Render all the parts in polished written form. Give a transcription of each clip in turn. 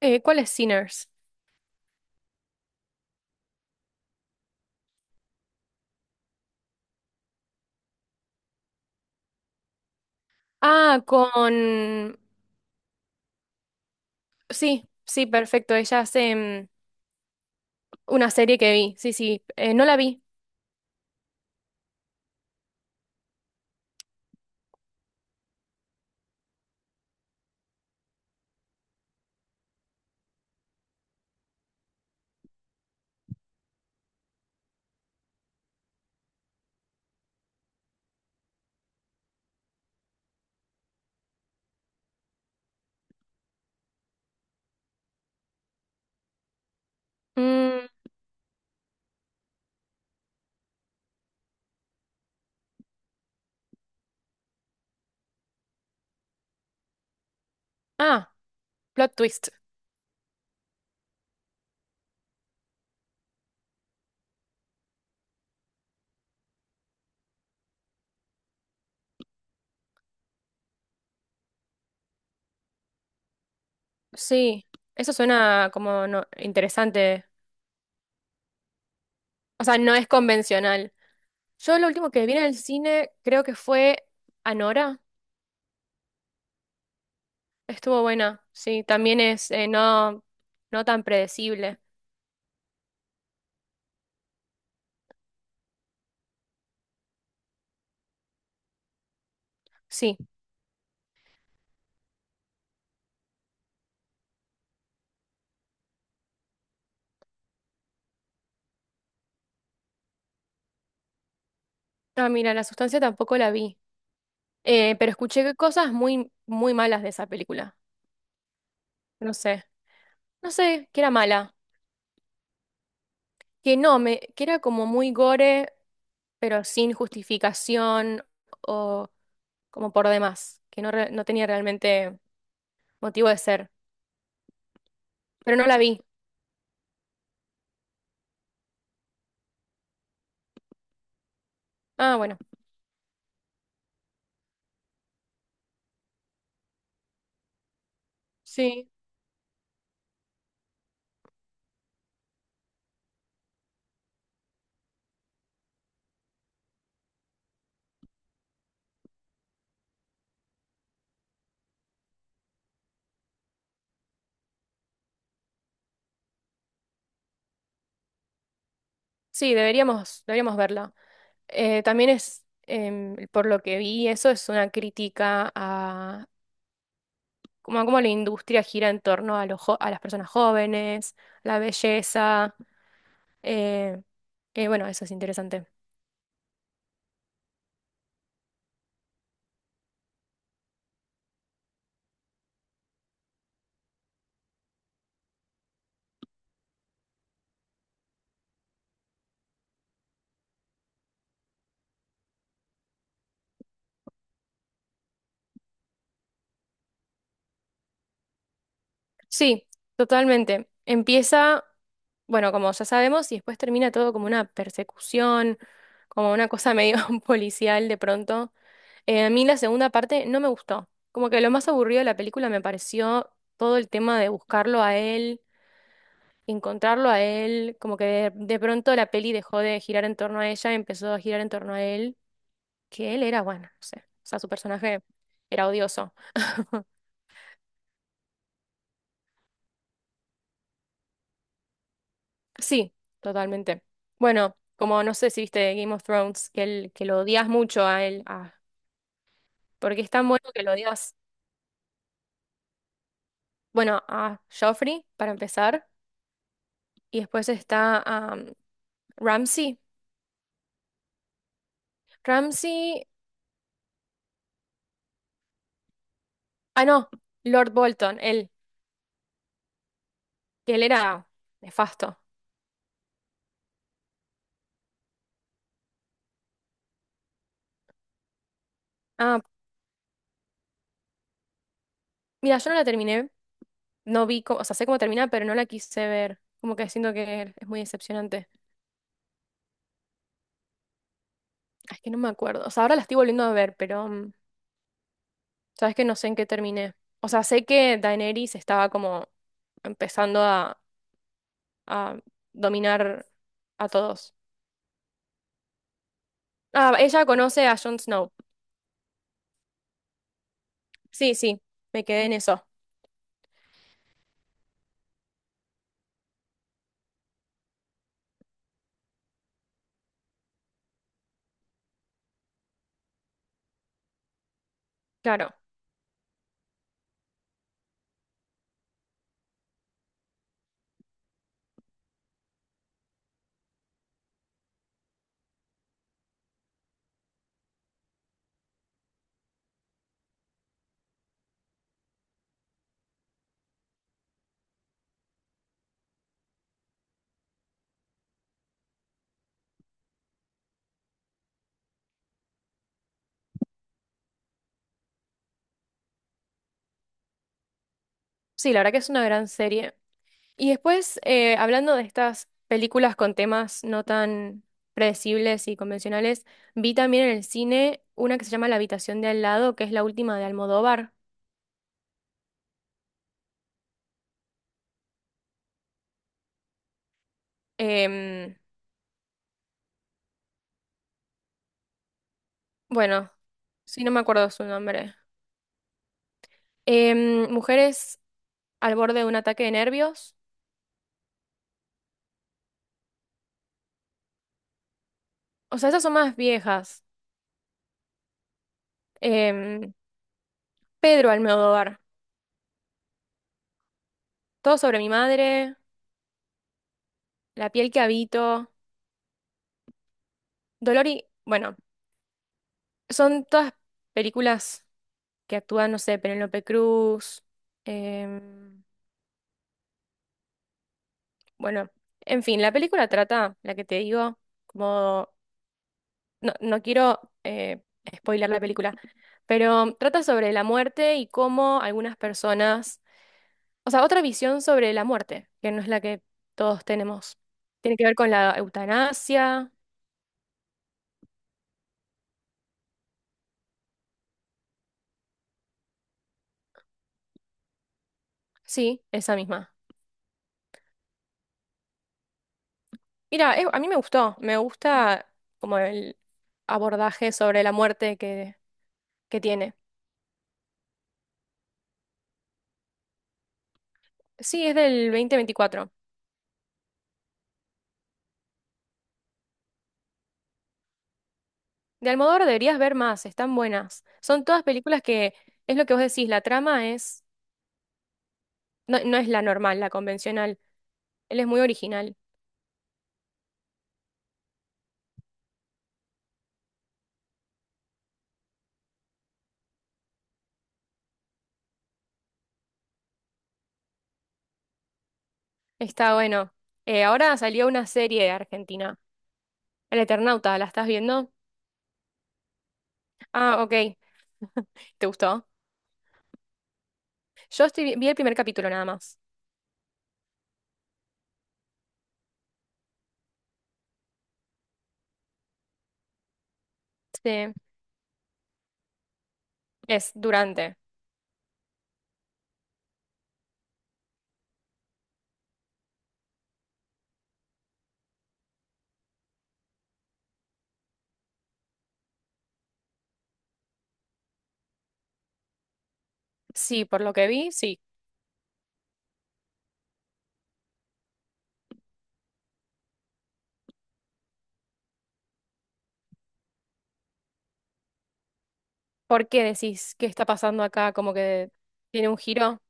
¿Cuál es Sinners? Ah, con... Sí, sí, perfecto. Ella hace una serie que vi. Sí, sí. No la vi. Mm, ah, plot twist. Sí. Eso suena como no, interesante. O sea, no es convencional. Yo lo último que vi en el cine creo que fue Anora. Estuvo buena. Sí, también es no, no tan predecible. Sí. Ah, mira, la sustancia tampoco la vi. Pero escuché cosas muy, muy malas de esa película. No sé. No sé, que era mala. Que no, me, que era como muy gore, pero sin justificación o como por demás. Que no, no tenía realmente motivo de ser. Pero no la vi. Ah, bueno. Sí, sí, deberíamos, deberíamos verla. También es, por lo que vi, eso es una crítica a como a cómo la industria gira en torno a, a las personas jóvenes, la belleza. eh, bueno, eso es interesante. Sí, totalmente. Empieza, bueno, como ya sabemos, y después termina todo como una persecución, como una cosa medio policial de pronto. A mí la segunda parte no me gustó. Como que lo más aburrido de la película me pareció todo el tema de buscarlo a él, encontrarlo a él, como que de pronto la peli dejó de girar en torno a ella, empezó a girar en torno a él, que él era, bueno, no sé, o sea, su personaje era odioso. Sí, totalmente. Bueno, como no sé si viste Game of Thrones, que, él, que lo odias mucho a él, a- porque es tan bueno que lo odias. Bueno, a Joffrey, para empezar, y después está Ramsey. Ramsey, ah, no, Lord Bolton, él, que él era nefasto. Ah, mira, yo no la terminé, no vi, cómo- o sea, sé cómo termina, pero no la quise ver. Como que siento que es muy decepcionante. Ah, es que no me acuerdo. O sea, ahora la estoy volviendo a ver, pero sabes que no sé en qué terminé. O sea, sé que Daenerys estaba como empezando a dominar a todos. Ah, ella conoce a Jon Snow. Sí, sí, me quedé en eso. Claro. Sí, la verdad que es una gran serie. Y después, hablando de estas películas con temas no tan predecibles y convencionales, vi también en el cine una que se llama La habitación de al lado, que es la última de Almodóvar. Em, bueno, sí, no me acuerdo su nombre. Mujeres al borde de un ataque de nervios. O sea, esas son más viejas. Em, Pedro Almodóvar, Todo sobre mi madre, La piel que habito, Dolor y... Bueno, son todas películas que actúan, no sé, Penélope Cruz. em, bueno, en fin, la película trata, la que te digo, como... No, no quiero spoilear la película, pero trata sobre la muerte y cómo algunas personas o sea, otra visión sobre la muerte, que no es la que todos tenemos. Tiene que ver con la eutanasia, sí, esa misma. Mira, a mí me gustó, me gusta como el abordaje sobre la muerte que tiene. Sí, es del 2024. De Almodóvar deberías ver más, están buenas. Son todas películas que, es lo que vos decís, la trama es, no, no es la normal, la convencional. Él es muy original. Está bueno. Ahora salió una serie argentina, El Eternauta, ¿la estás viendo? Ah, ok. ¿Te gustó? Yo estoy, vi el primer capítulo nada más. Sí, es durante. Sí, por lo que vi, sí. ¿Por qué decís qué está pasando acá? Como que tiene un giro.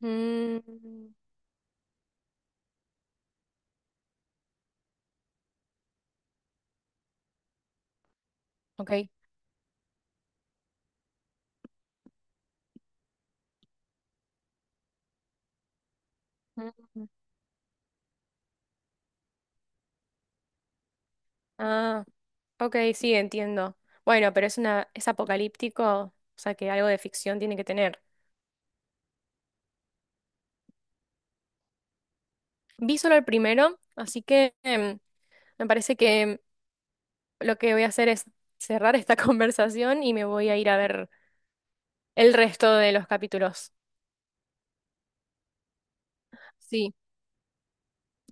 Mm, ok. Mm. Ah, ok, sí, entiendo. Bueno, pero es una, es apocalíptico, o sea que algo de ficción tiene que tener. Vi solo el primero, así que me parece que lo que voy a hacer es cerrar esta conversación y me voy a ir a ver el resto de los capítulos. Sí.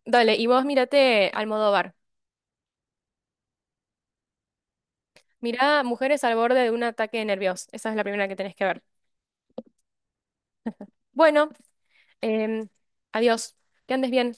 Dale, y vos mírate Almodóvar. Mirá Mujeres al borde de un ataque nervioso. Esa es la primera que tenés que ver. Bueno, em, adiós. Que andes bien.